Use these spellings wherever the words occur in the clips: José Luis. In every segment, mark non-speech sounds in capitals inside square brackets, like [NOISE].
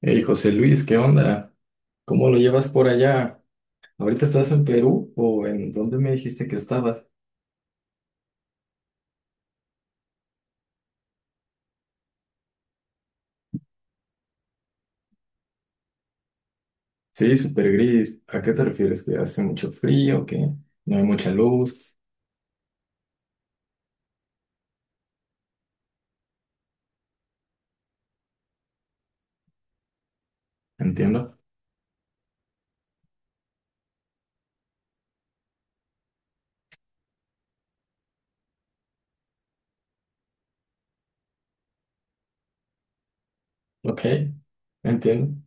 Hey, José Luis, ¿qué onda? ¿Cómo lo llevas por allá? ¿Ahorita estás en Perú o en dónde me dijiste que estabas? Sí, súper gris. ¿A qué te refieres? ¿Que hace mucho frío? ¿Que no hay mucha luz? Entiendo. Ok, entiendo.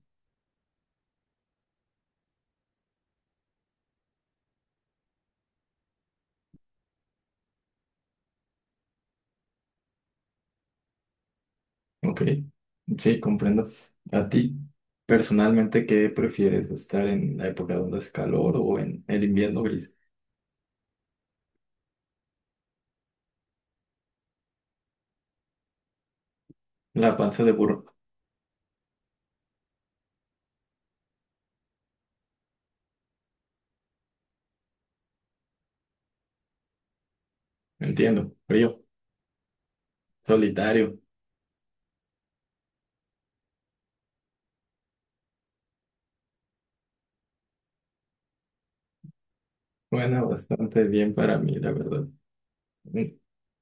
Ok, sí, comprendo. ¿A ti personalmente qué prefieres? ¿Estar en la época donde hace calor o en el invierno gris? La panza de burro. Entiendo. Frío, solitario. Bueno, bastante bien para mí, la verdad.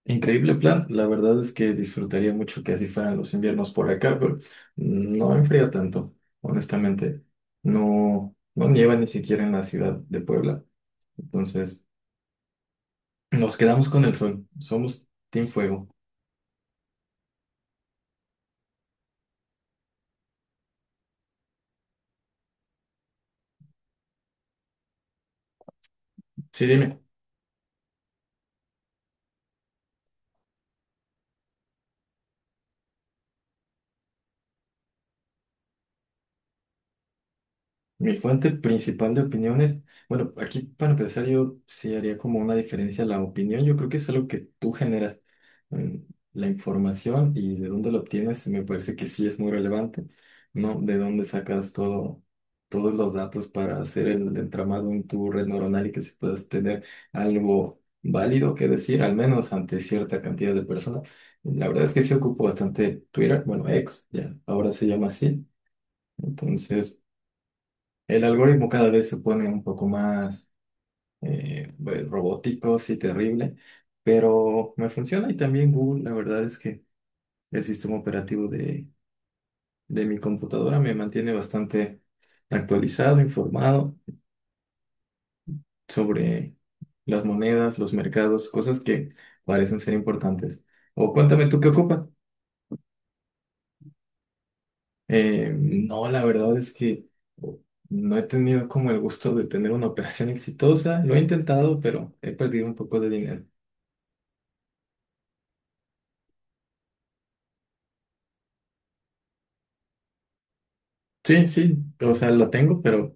Increíble plan, la verdad es que disfrutaría mucho que así fueran los inviernos por acá, pero no enfría tanto, honestamente. No, no nieva ni siquiera en la ciudad de Puebla, entonces nos quedamos con el sol, somos Team Fuego. Sí, dime. Mi fuente principal de opiniones, bueno, aquí para empezar yo sí haría como una diferencia la opinión, yo creo que es algo que tú generas. Mm, la información y de dónde la obtienes me parece que sí es muy relevante, ¿no? De dónde sacas todo, todos los datos para hacer el entramado en tu red neuronal y que se puedas tener algo válido que decir, al menos ante cierta cantidad de personas. La verdad es que sí ocupo bastante Twitter, bueno, ex, ya, ahora se llama así, entonces. El algoritmo cada vez se pone un poco más pues, robótico, sí, terrible, pero me funciona y también Google, la verdad es que el sistema operativo de mi computadora me mantiene bastante actualizado, informado sobre las monedas, los mercados, cosas que parecen ser importantes. O cuéntame tú qué ocupa. No, la verdad es que no he tenido como el gusto de tener una operación exitosa, lo he intentado, pero he perdido un poco de dinero. Sí, sí, o sea, la tengo, pero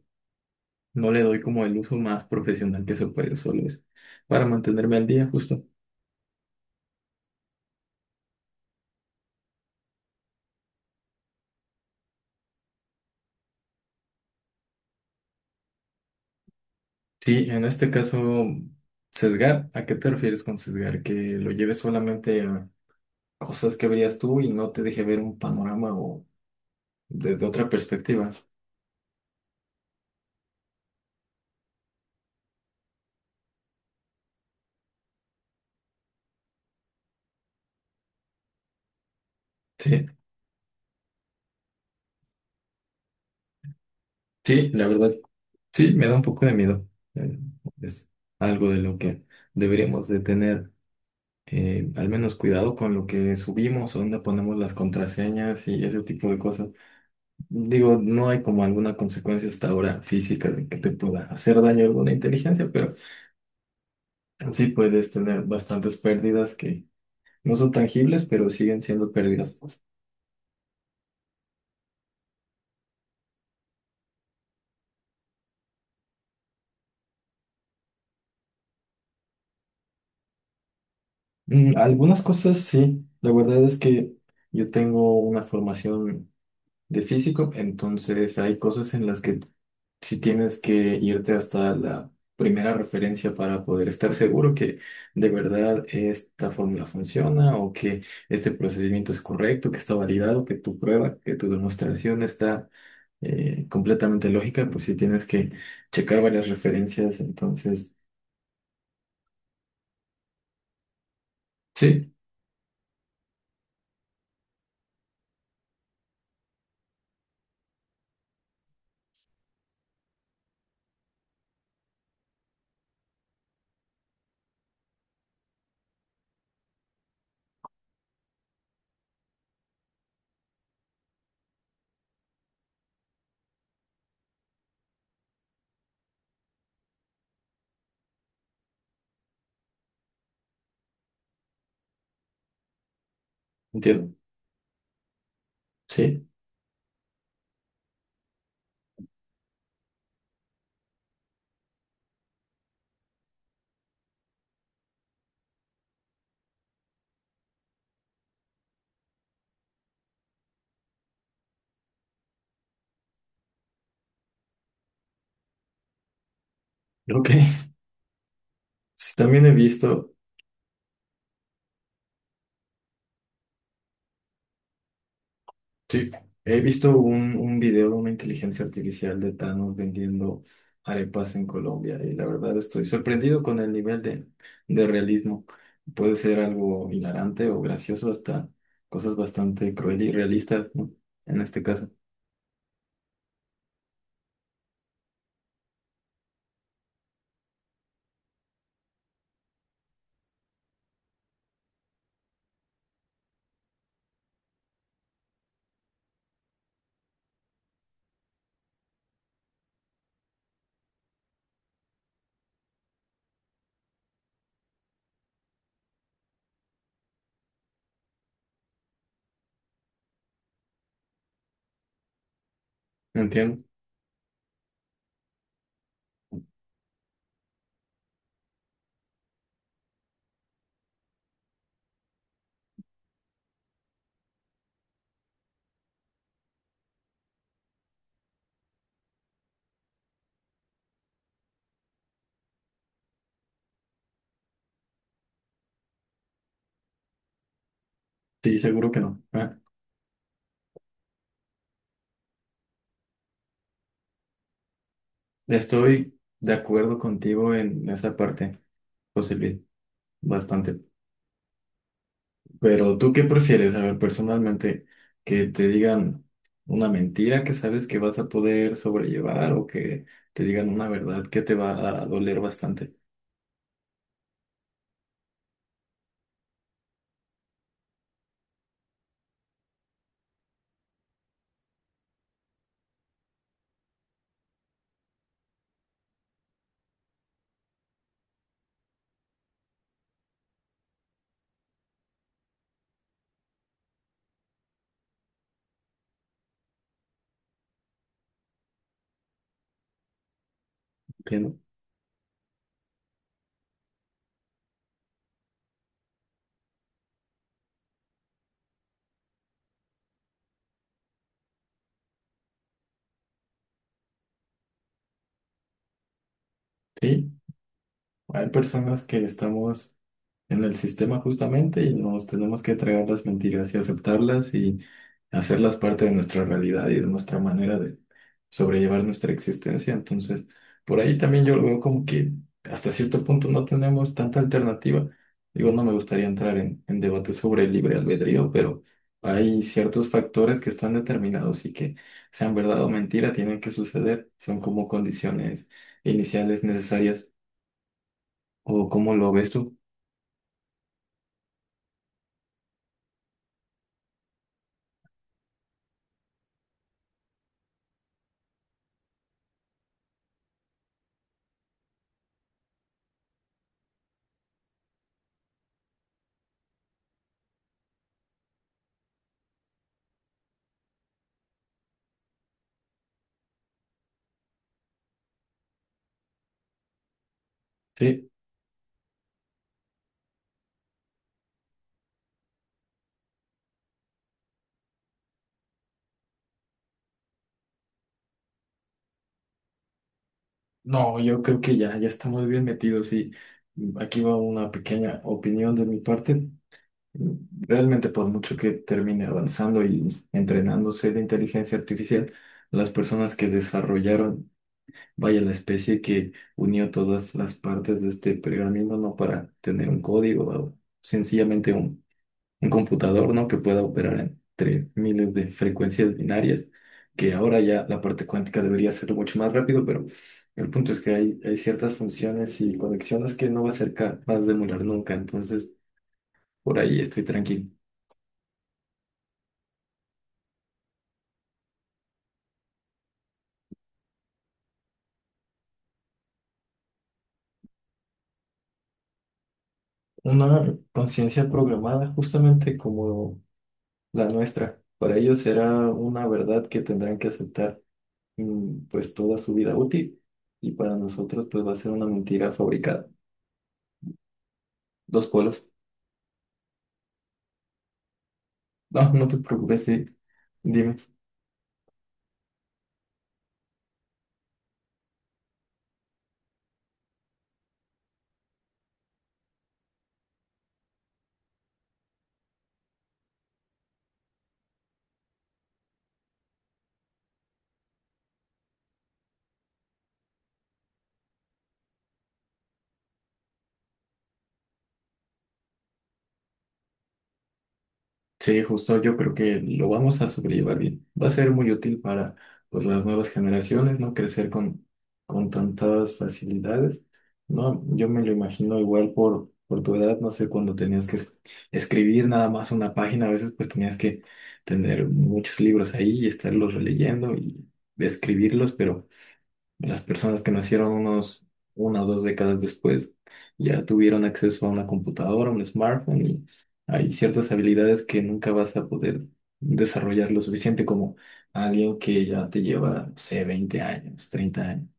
no le doy como el uso más profesional que se puede, solo es para mantenerme al día, justo. Sí, en este caso, sesgar, ¿a qué te refieres con sesgar? Que lo lleves solamente a cosas que verías tú y no te deje ver un panorama o desde otra perspectiva. Sí, sí, la verdad, sí, me da un poco de miedo. Eh, Es algo de lo que deberíamos de tener al menos cuidado con lo que subimos, dónde ponemos las contraseñas y ese tipo de cosas. Digo, no hay como alguna consecuencia hasta ahora física de que te pueda hacer daño alguna inteligencia, pero sí puedes tener bastantes pérdidas que no son tangibles, pero siguen siendo pérdidas. Algunas cosas sí, la verdad es que yo tengo una formación de físico, entonces hay cosas en las que si tienes que irte hasta la primera referencia para poder estar seguro que de verdad esta fórmula funciona o que este procedimiento es correcto, que está validado, que tu prueba, que tu demostración está completamente lógica, pues si tienes que checar varias referencias, entonces sí, entiendo, sí, ok. [LAUGHS] Sí, También he visto Sí, he visto un video de una inteligencia artificial de Thanos vendiendo arepas en Colombia y la verdad estoy sorprendido con el nivel de realismo. Puede ser algo hilarante o gracioso, hasta cosas bastante cruel y realistas, ¿no? En este caso, entiendo. Sí, seguro que no. Ah, estoy de acuerdo contigo en esa parte, José Luis, bastante. Pero ¿tú qué prefieres? A ver, personalmente, que te digan una mentira que sabes que vas a poder sobrellevar o que te digan una verdad que te va a doler bastante. ¿Entiendo? Sí, hay personas que estamos en el sistema justamente y nos tenemos que tragar las mentiras y aceptarlas y hacerlas parte de nuestra realidad y de nuestra manera de sobrellevar nuestra existencia. Entonces, por ahí también yo lo veo como que hasta cierto punto no tenemos tanta alternativa. Digo, no me gustaría entrar en debates sobre el libre albedrío, pero hay ciertos factores que están determinados y que sean verdad o mentira, tienen que suceder. Son como condiciones iniciales necesarias. ¿O cómo lo ves tú? Sí. No, yo creo que ya, ya estamos bien metidos y aquí va una pequeña opinión de mi parte. Realmente por mucho que termine avanzando y entrenándose la inteligencia artificial, las personas que desarrollaron, vaya la especie que unió todas las partes de este pergamino, no para tener un código o sencillamente un computador, ¿no? Que pueda operar entre miles de frecuencias binarias, que ahora ya la parte cuántica debería ser mucho más rápido, pero el punto es que hay ciertas funciones y conexiones que no va a ser capaz de emular nunca, entonces por ahí estoy tranquilo. Una conciencia programada justamente como la nuestra, para ellos será una verdad que tendrán que aceptar pues toda su vida útil y para nosotros pues va a ser una mentira fabricada. Dos polos. No, no te preocupes, sí. Dime. Sí, justo yo creo que lo vamos a sobrellevar bien. Va a ser muy útil para pues, las nuevas generaciones, ¿no? Crecer con tantas facilidades, ¿no? Yo me lo imagino igual por tu edad, no sé, cuando tenías que escribir nada más una página, a veces pues tenías que tener muchos libros ahí y estarlos releyendo y escribirlos, pero las personas que nacieron unos una o dos décadas después ya tuvieron acceso a una computadora, un smartphone y hay ciertas habilidades que nunca vas a poder desarrollar lo suficiente como alguien que ya te lleva, no sé, 20 años, 30 años.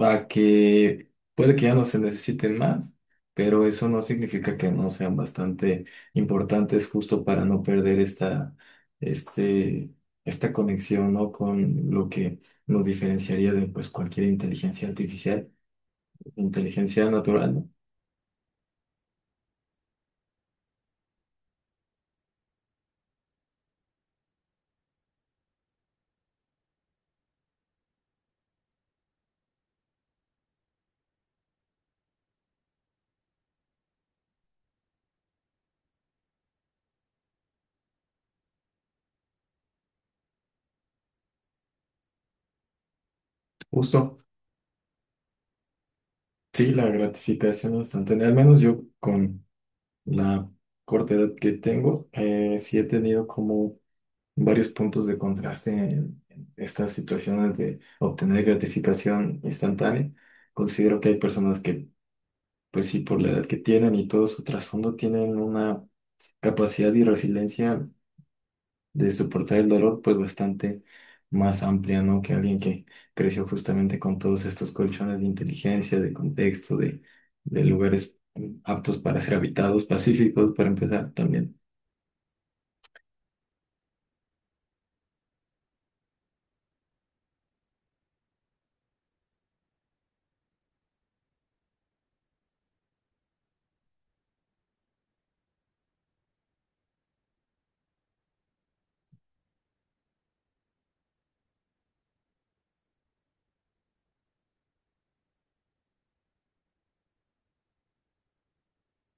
Va que puede que ya no se necesiten más, pero eso no significa que no sean bastante importantes justo para no perder este, esta conexión, ¿no? Con lo que nos diferenciaría de pues, cualquier inteligencia artificial, inteligencia natural, ¿no? Justo, sí, la gratificación instantánea, al menos yo con la corta edad que tengo, sí he tenido como varios puntos de contraste en estas situaciones de obtener gratificación instantánea. Considero que hay personas que, pues sí, por la edad que tienen y todo su trasfondo, tienen una capacidad y resiliencia de soportar el dolor, pues bastante más amplia, ¿no? Que alguien que creció justamente con todos estos colchones de inteligencia, de contexto, de lugares aptos para ser habitados, pacíficos, para empezar también.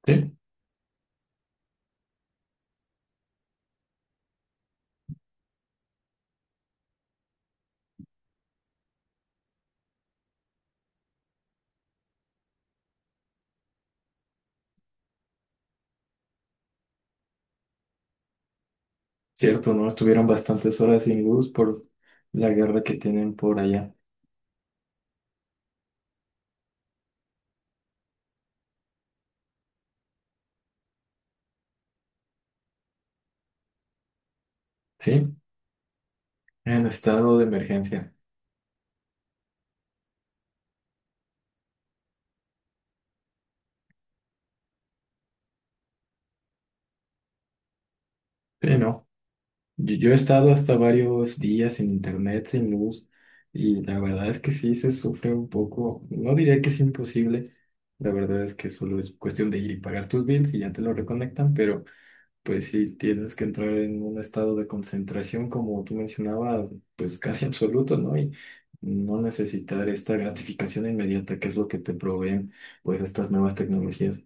¿Sí? Cierto, ¿no? Estuvieron bastantes horas sin luz por la guerra que tienen por allá. Sí, en estado de emergencia. Sí, ¿no? Yo he estado hasta varios días sin internet, sin luz, y la verdad es que sí se sufre un poco. No diría que es imposible, la verdad es que solo es cuestión de ir y pagar tus bills y ya te lo reconectan, pero. Pues sí, tienes que entrar en un estado de concentración, como tú mencionabas, pues casi absoluto, ¿no? Y no necesitar esta gratificación inmediata, que es lo que te proveen, pues, estas nuevas tecnologías.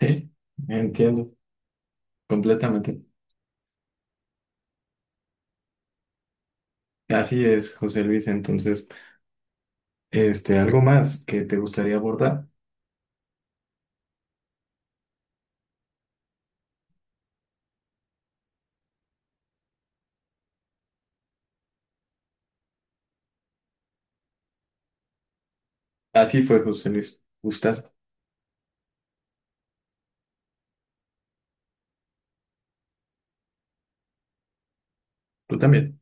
Sí, entiendo, completamente. Así es, José Luis. Entonces, este, algo más que te gustaría abordar. Así fue, José Luis. Gustas, tú también.